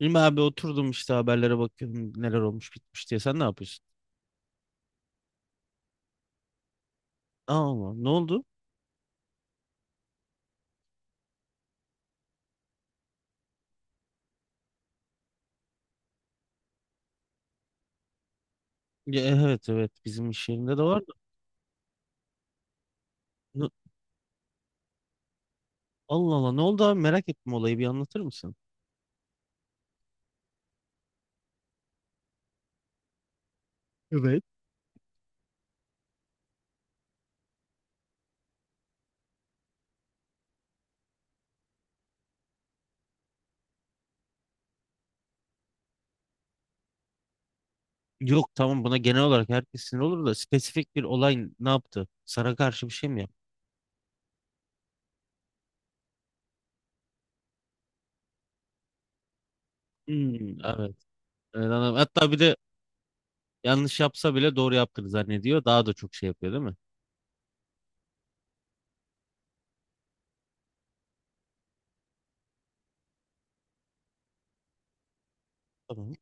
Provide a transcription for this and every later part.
İlmi abi oturdum işte haberlere bakıyorum neler olmuş bitmiş diye. Sen ne yapıyorsun? Aa, ne oldu? Ya, evet evet bizim iş yerinde de vardı. Ne- Allah Allah, ne oldu abi, merak ettim, olayı bir anlatır mısın? Evet. Yok, tamam, buna genel olarak herkes sinir olur da spesifik bir olay ne yaptı? Sana karşı bir şey mi yaptı? Hmm, evet. Evet, anladım. Hatta bir de yanlış yapsa bile doğru yaptığını zannediyor. Daha da çok şey yapıyor değil mi? Tamam.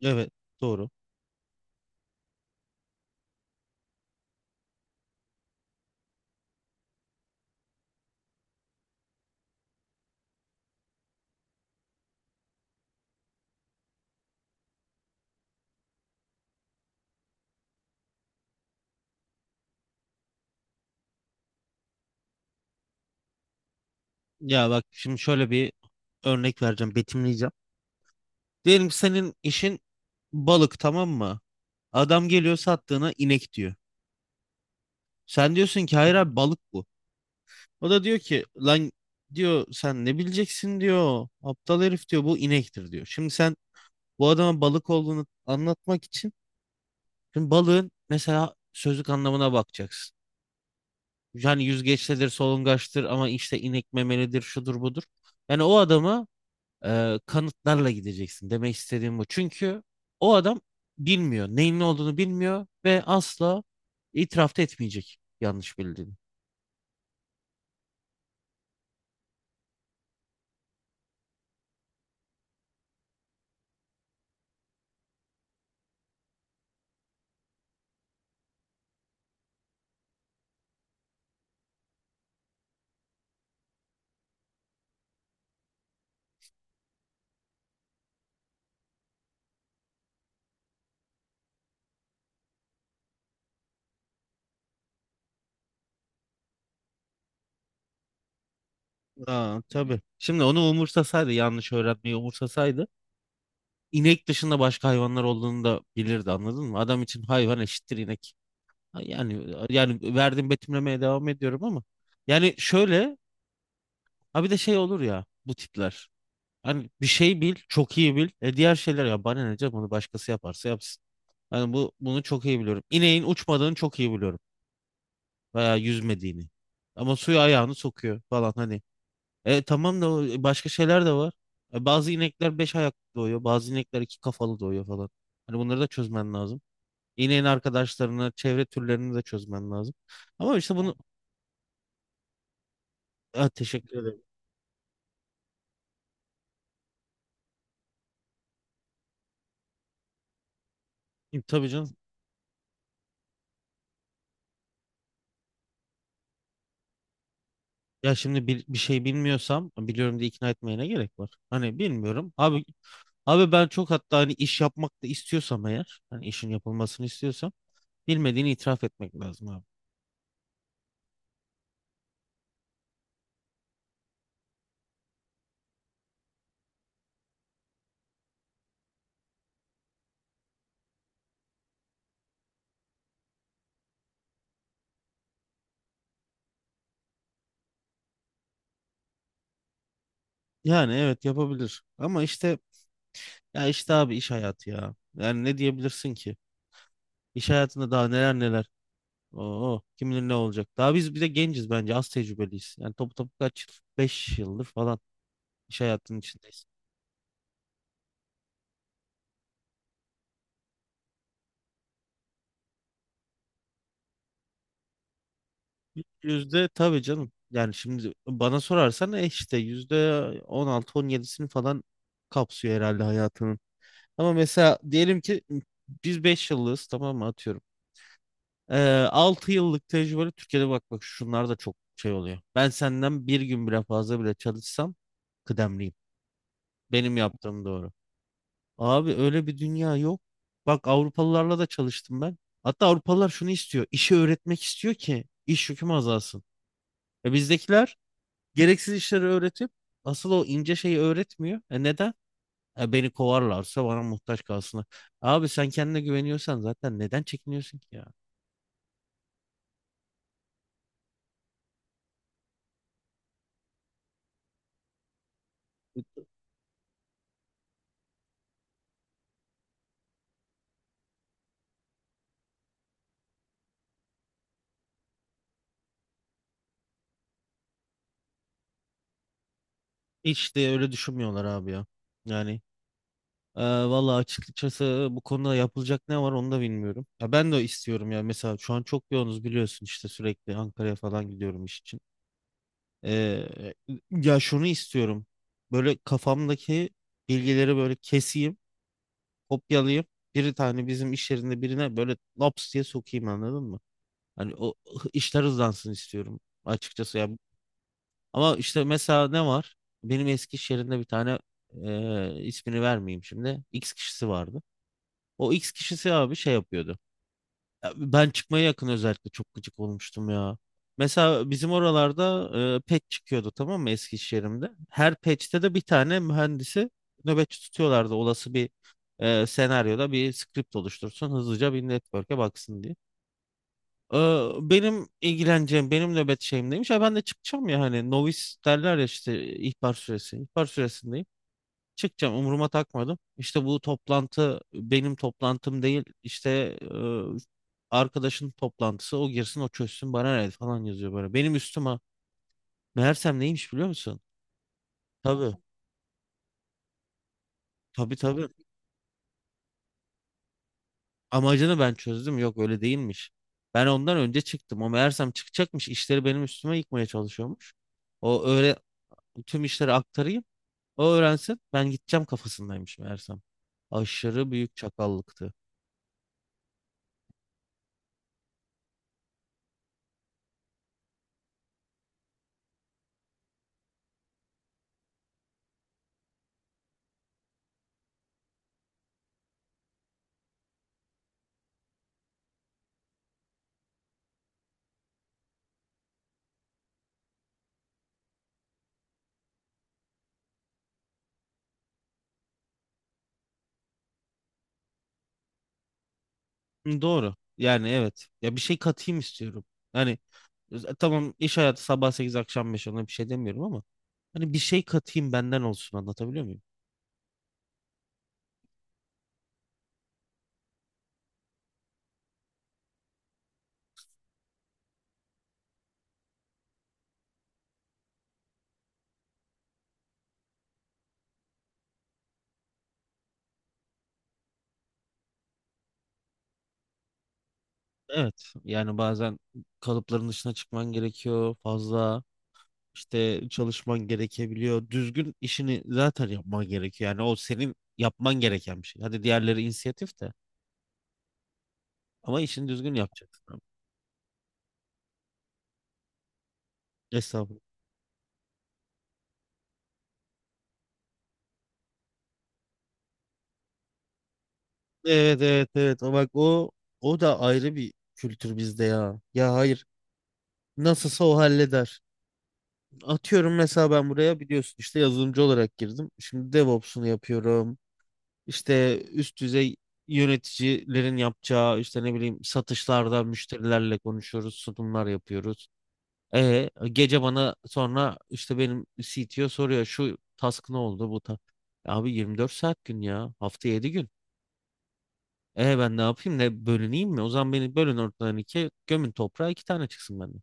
Evet, doğru. Ya bak, şimdi şöyle bir örnek vereceğim, betimleyeceğim. Diyelim ki senin işin balık, tamam mı? Adam geliyor, sattığına inek diyor. Sen diyorsun ki hayır abi, balık bu. O da diyor ki lan, diyor, sen ne bileceksin diyor. Aptal herif, diyor, bu inektir diyor. Şimdi sen bu adama balık olduğunu anlatmak için şimdi balığın mesela sözlük anlamına bakacaksın. Yani yüzgeçlidir, solungaçtır, ama işte inek memelidir, şudur budur. Yani o adama kanıtlarla gideceksin, demek istediğim bu. Çünkü o adam bilmiyor. Neyin ne olduğunu bilmiyor ve asla itiraf da etmeyecek yanlış bildiğini. Aa, tabii. Şimdi onu umursasaydı, yanlış öğrenmeyi umursasaydı inek dışında başka hayvanlar olduğunu da bilirdi, anladın mı? Adam için hayvan eşittir inek. Yani verdiğim betimlemeye devam ediyorum ama yani şöyle, ha bir de şey olur ya bu tipler. Hani bir şey bil, çok iyi bil. E, diğer şeyler, ya bana ne canım, onu başkası yaparsa yapsın. Yani bu bunu çok iyi biliyorum. İneğin uçmadığını çok iyi biliyorum. Veya yüzmediğini. Ama suya ayağını sokuyor falan hani. E, tamam da başka şeyler de var. Bazı inekler beş ayaklı doğuyor. Bazı inekler iki kafalı doğuyor falan. Hani bunları da çözmen lazım. İneğin arkadaşlarını, çevre türlerini de çözmen lazım. Ama işte bunu. Ha, teşekkür ederim. E, tabii canım. Ya şimdi bir şey bilmiyorsam biliyorum diye ikna etmeye ne gerek var? Hani bilmiyorum. Abi ben çok, hatta hani iş yapmak da istiyorsam, eğer hani işin yapılmasını istiyorsam bilmediğini itiraf etmek lazım abi. Yani evet, yapabilir ama işte, ya işte abi iş hayatı ya. Yani ne diyebilirsin ki? İş hayatında daha neler neler. Oo, kim bilir ne olacak. Daha biz bir de genciz, bence az tecrübeliyiz. Yani topu topu kaç yıl? 5 yıldır falan iş hayatının içindeyiz. Yüzde tabii canım. Yani şimdi bana sorarsan işte yüzde on altı on yedisini falan kapsıyor herhalde hayatının. Ama mesela diyelim ki biz 5 yıllığız, tamam mı, atıyorum. 6 yıllık tecrübeli Türkiye'de, bak bak, şunlar da çok şey oluyor. Ben senden bir gün bile fazla bile çalışsam kıdemliyim. Benim yaptığım doğru. Abi öyle bir dünya yok. Bak, Avrupalılarla da çalıştım ben. Hatta Avrupalılar şunu istiyor. İşi öğretmek istiyor ki iş yüküm azalsın. E, bizdekiler gereksiz işleri öğretip asıl o ince şeyi öğretmiyor. E, neden? E, beni kovarlarsa bana muhtaç kalsınlar. Abi, sen kendine güveniyorsan zaten neden çekiniyorsun ki ya? Hiç de öyle düşünmüyorlar abi ya. Yani valla, açıkçası bu konuda yapılacak ne var onu da bilmiyorum. Ya ben de istiyorum ya, mesela şu an çok yoğunuz biliyorsun, işte sürekli Ankara'ya falan gidiyorum iş için. Ee, Ya, şunu istiyorum. Böyle kafamdaki bilgileri böyle keseyim, kopyalayayım. Bir tane bizim iş yerinde birine böyle laps diye sokayım, anladın mı? Hani o işler hızlansın istiyorum açıkçası ya. Ama işte mesela ne var? Benim eski iş yerinde bir tane, ismini vermeyeyim şimdi, X kişisi vardı. O X kişisi abi şey yapıyordu. Ya, ben çıkmaya yakın özellikle çok gıcık olmuştum ya. Mesela bizim oralarda patch çıkıyordu, tamam mı, Eskişehir'imde. Her patch'te de bir tane mühendisi nöbetçi tutuyorlardı. Olası bir senaryoda bir script oluştursun, hızlıca bir network'e baksın diye. E, benim ilgileneceğim, benim nöbet şeyim neymiş? Ha, ben de çıkacağım ya, hani novice derler ya işte, ihbar süresi. İhbar süresindeyim. Çıkacağım, umuruma takmadım. İşte bu toplantı benim toplantım değil. İşte arkadaşın toplantısı, o girsin o çözsün, bana ne, falan yazıyor böyle. Benim üstüme meğersem neymiş biliyor musun? Tabii, tabii, tabii, amacını ben çözdüm, yok, öyle değilmiş. Ben ondan önce çıktım, o meğersem çıkacakmış. İşleri benim üstüme yıkmaya çalışıyormuş. O öyle tüm işleri aktarayım, o öğrensin, ben gideceğim kafasındaymış meğersem. Aşırı büyük çakallıktı. Hı, doğru. Yani evet. Ya, bir şey katayım istiyorum. Yani tamam, iş hayatı sabah sekiz akşam beş, ona bir şey demiyorum ama hani bir şey katayım benden olsun, anlatabiliyor muyum? Evet. Yani bazen kalıpların dışına çıkman gerekiyor fazla. İşte çalışman gerekebiliyor. Düzgün işini zaten yapman gerekiyor. Yani o senin yapman gereken bir şey. Hadi diğerleri inisiyatif de, ama işini düzgün yapacaksın, abi. Estağfurullah. Evet, evet, evet. Bak, o da ayrı bir kültür bizde ya. Ya, hayır. Nasılsa o halleder. Atıyorum, mesela ben buraya biliyorsun işte yazılımcı olarak girdim. Şimdi DevOps'unu yapıyorum. İşte üst düzey yöneticilerin yapacağı işte, ne bileyim, satışlarda müşterilerle konuşuyoruz, sunumlar yapıyoruz. E, gece bana sonra işte benim CTO soruyor şu task ne oldu bu ta. Abi 24 saat gün, ya hafta 7 gün. E, ben ne yapayım, ne bölüneyim mi? O zaman beni bölün ortadan ikiye, gömün toprağa, iki tane çıksın benden.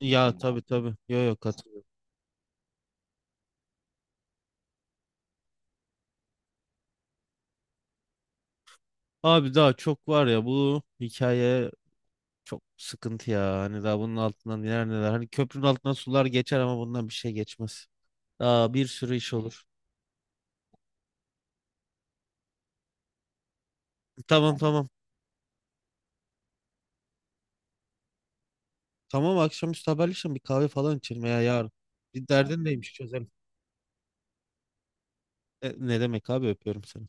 Ya tabii tabii, yok yok, katılıyorum. Abi daha çok var ya bu hikaye, çok sıkıntı ya. Hani daha bunun altından neler neler. Hani köprünün altından sular geçer ama bundan bir şey geçmez. Daha bir sürü iş olur. Tamam, tamam. Tamam, akşamüstü haberleşelim, bir kahve falan içelim veya yarın. Bir derdin neymiş çözelim. E, ne demek abi, öpüyorum seni.